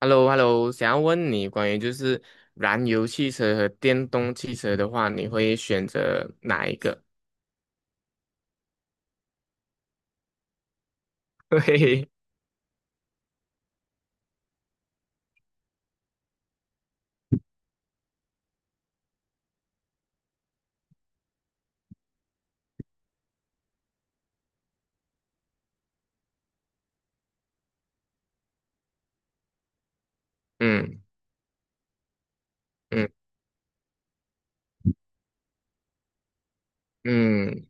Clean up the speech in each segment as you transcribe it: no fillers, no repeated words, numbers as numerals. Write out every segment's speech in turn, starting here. h e l l o h e l l o 想要问你关于就是燃油汽车和电动汽车的话，你会选择哪一个？嘿嘿，嗯嗯嗯，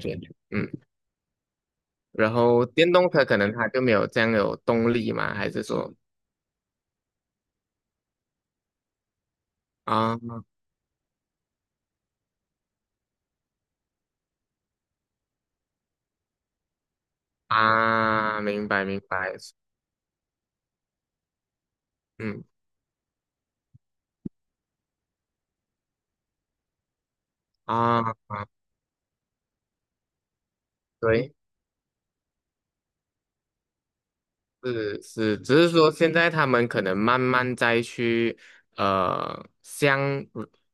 感觉嗯，然后电动车可能它就没有这样有动力嘛，还是说啊啊，明白明白，嗯啊，对。是是，只是说现在他们可能慢慢再去向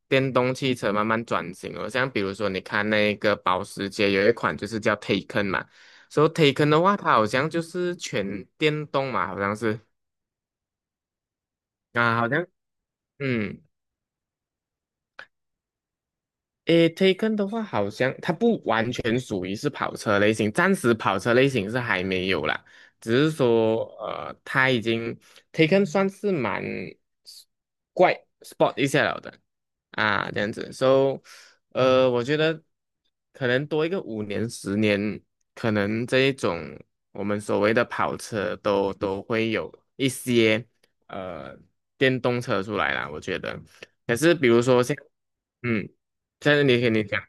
电动汽车慢慢转型了。像比如说，你看那个保时捷有一款就是叫 Taycan 嘛，所以 Taycan 的话，它好像就是全电动嘛，好像是啊，好像嗯。诶，Taken 的话，好像它不完全属于是跑车类型，暂时跑车类型是还没有啦，只是说它已经 Taken 算是蛮 s- 怪 sport 一下了的啊，这样子，so 我觉得可能多一个五年十年，可能这一种我们所谓的跑车都会有一些呃电动车出来啦，我觉得，可是比如说像嗯。在是你跟你讲，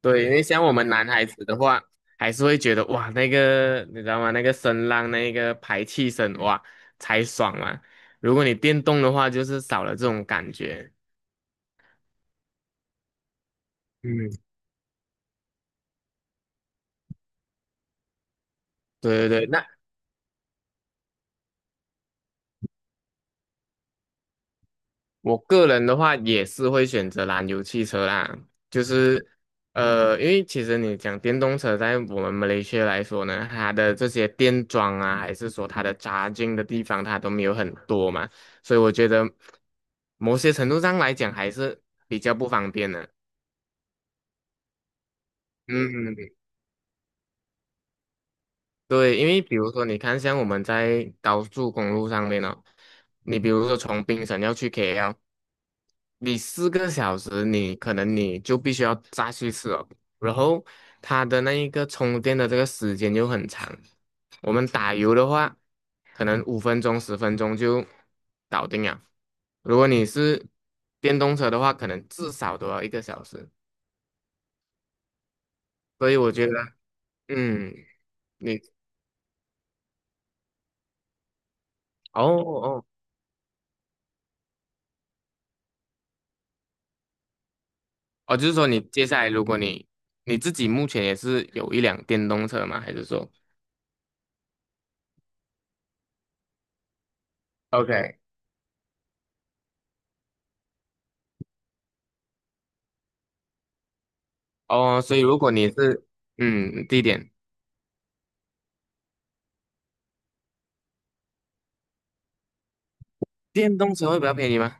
对，因为像我们男孩子的话，还是会觉得哇，那个你知道吗？那个声浪，那个排气声，哇，才爽嘛。如果你电动的话，就是少了这种感觉。嗯，对对对，那。我个人的话也是会选择燃油汽车啦，就是因为其实你讲电动车，在我们马来西亚来说呢，它的这些电桩啊，还是说它的扎进的地方，它都没有很多嘛，所以我觉得某些程度上来讲还是比较不方便的。嗯，对，因为比如说你看，像我们在高速公路上面哦，你比如说从槟城要去 KL。你4个小时，你可能你就必须要再去吃哦。然后它的那一个充电的这个时间就很长。我们打油的话，可能5分钟、10分钟就搞定了。如果你是电动车的话，可能至少都要1个小时。所以我觉得，嗯，你哦哦哦，就是说你接下来，如果你自己目前也是有一辆电动车吗？还是说 OK，哦，所以如果你是嗯地点。电动车会比较便宜吗？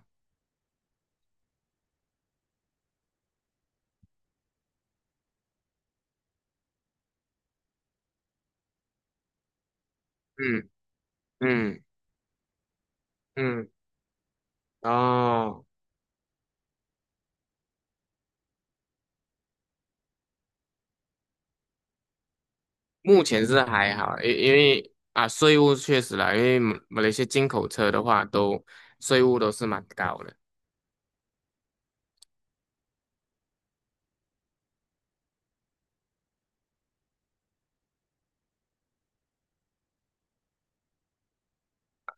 嗯嗯嗯，哦，目前是还好，因为啊，税务确实啦，因为马来西亚进口车的话都，税务都是蛮高的。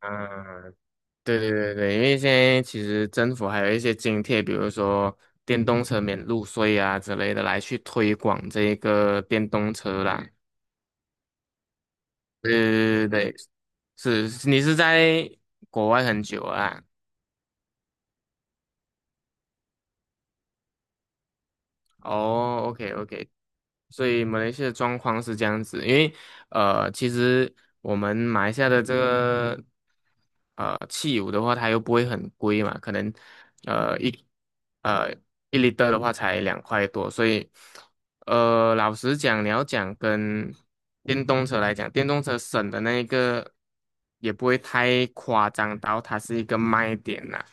嗯，对对对对，因为现在其实政府还有一些津贴，比如说电动车免路税啊之类的，来去推广这一个电动车啦。对对对对，是你是在国外很久啊？哦，OK OK，所以马来西亚的状况是这样子，因为其实我们马来西亚的这个汽油的话，它又不会很贵嘛，可能呃一呃一 l i 的话才2块多，所以老实讲，你要讲跟电动车来讲，电动车省的那一个也不会太夸张到它是一个卖点啦。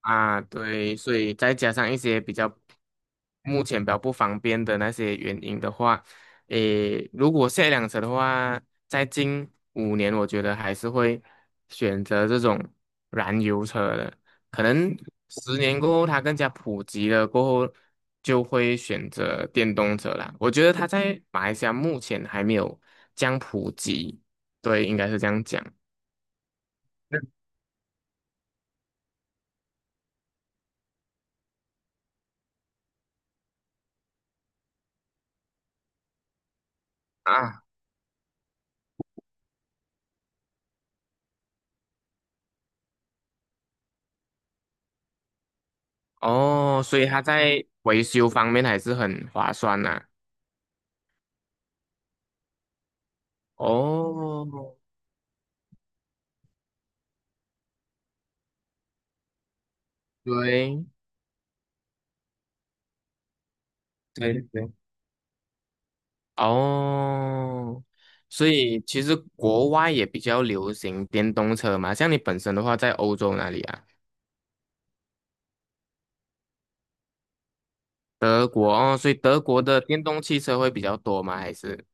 啊，对，所以再加上一些比较目前比较不方便的那些原因的话，诶，如果下一辆车的话，在近5年，我觉得还是会选择这种燃油车的。可能十年过后，它更加普及了过后，就会选择电动车啦。我觉得它在马来西亚目前还没有这样普及，对，应该是这样讲。啊。哦，所以它在维修方面还是很划算呐、哦，对对对，哦，所以其实国外也比较流行电动车嘛，像你本身的话，在欧洲哪里啊？德国哦，所以德国的电动汽车会比较多吗？还是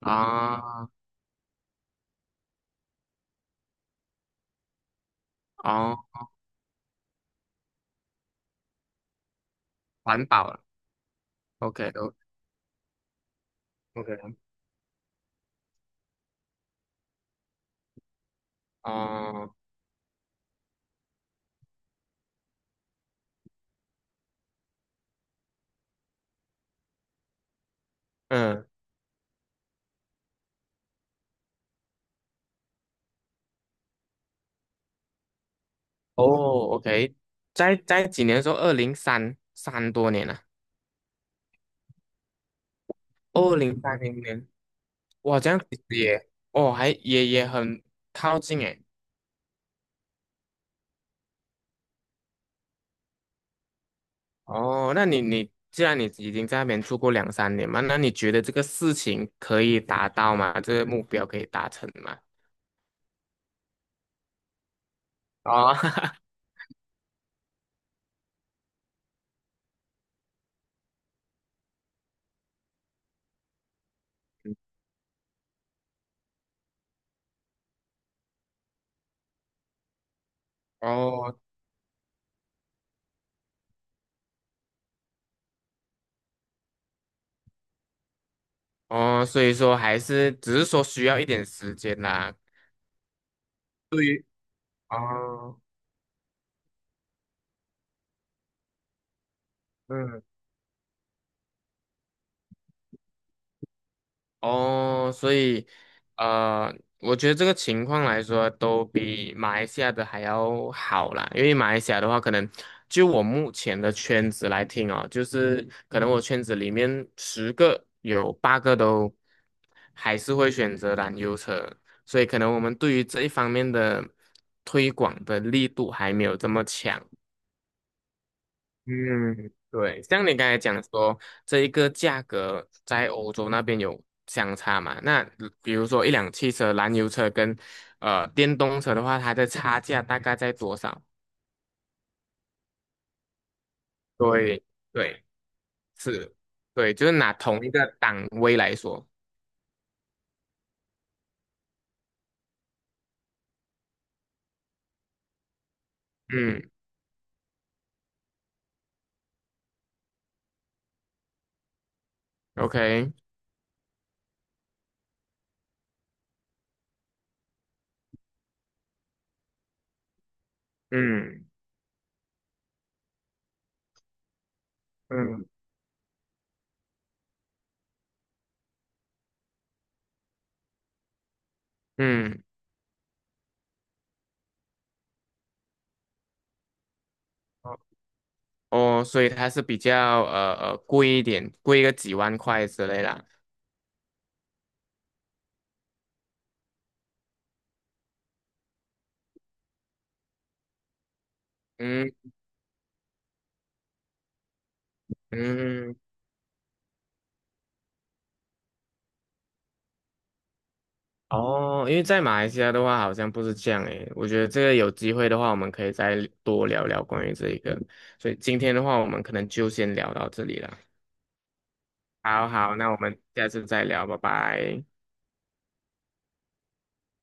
啊哦，环保了，OK 都 OK 哦，嗯哦，OK，在几年的时候，二零三三多年了、啊，2030年。哇，这样其实也，哦，还也很靠近诶。哦，那你既然你已经在那边住过2、3年嘛，那你觉得这个事情可以达到吗？这个目标可以达成吗？哦，哦哦，所以说还是只是说需要一点时间啦。对，于哦，嗯。哦，所以，呃，我觉得这个情况来说，都比马来西亚的还要好啦。因为马来西亚的话，可能就我目前的圈子来听哦，就是可能我圈子里面10个有8个都还是会选择燃油车，所以可能我们对于这一方面的推广的力度还没有这么强。嗯，对，像你刚才讲说，这一个价格在欧洲那边有相差嘛？那比如说一辆汽车，燃油车跟电动车的话，它的差价大概在多少？对，对，是，对，就是拿同一个档位来说，嗯，OK，嗯嗯嗯，哦，所以它是比较贵一点，贵个几万块之类啦，嗯嗯。哦，因为在马来西亚的话，好像不是这样诶。我觉得这个有机会的话，我们可以再多聊聊关于这一个。所以今天的话，我们可能就先聊到这里了。好好，那我们下次再聊，拜拜。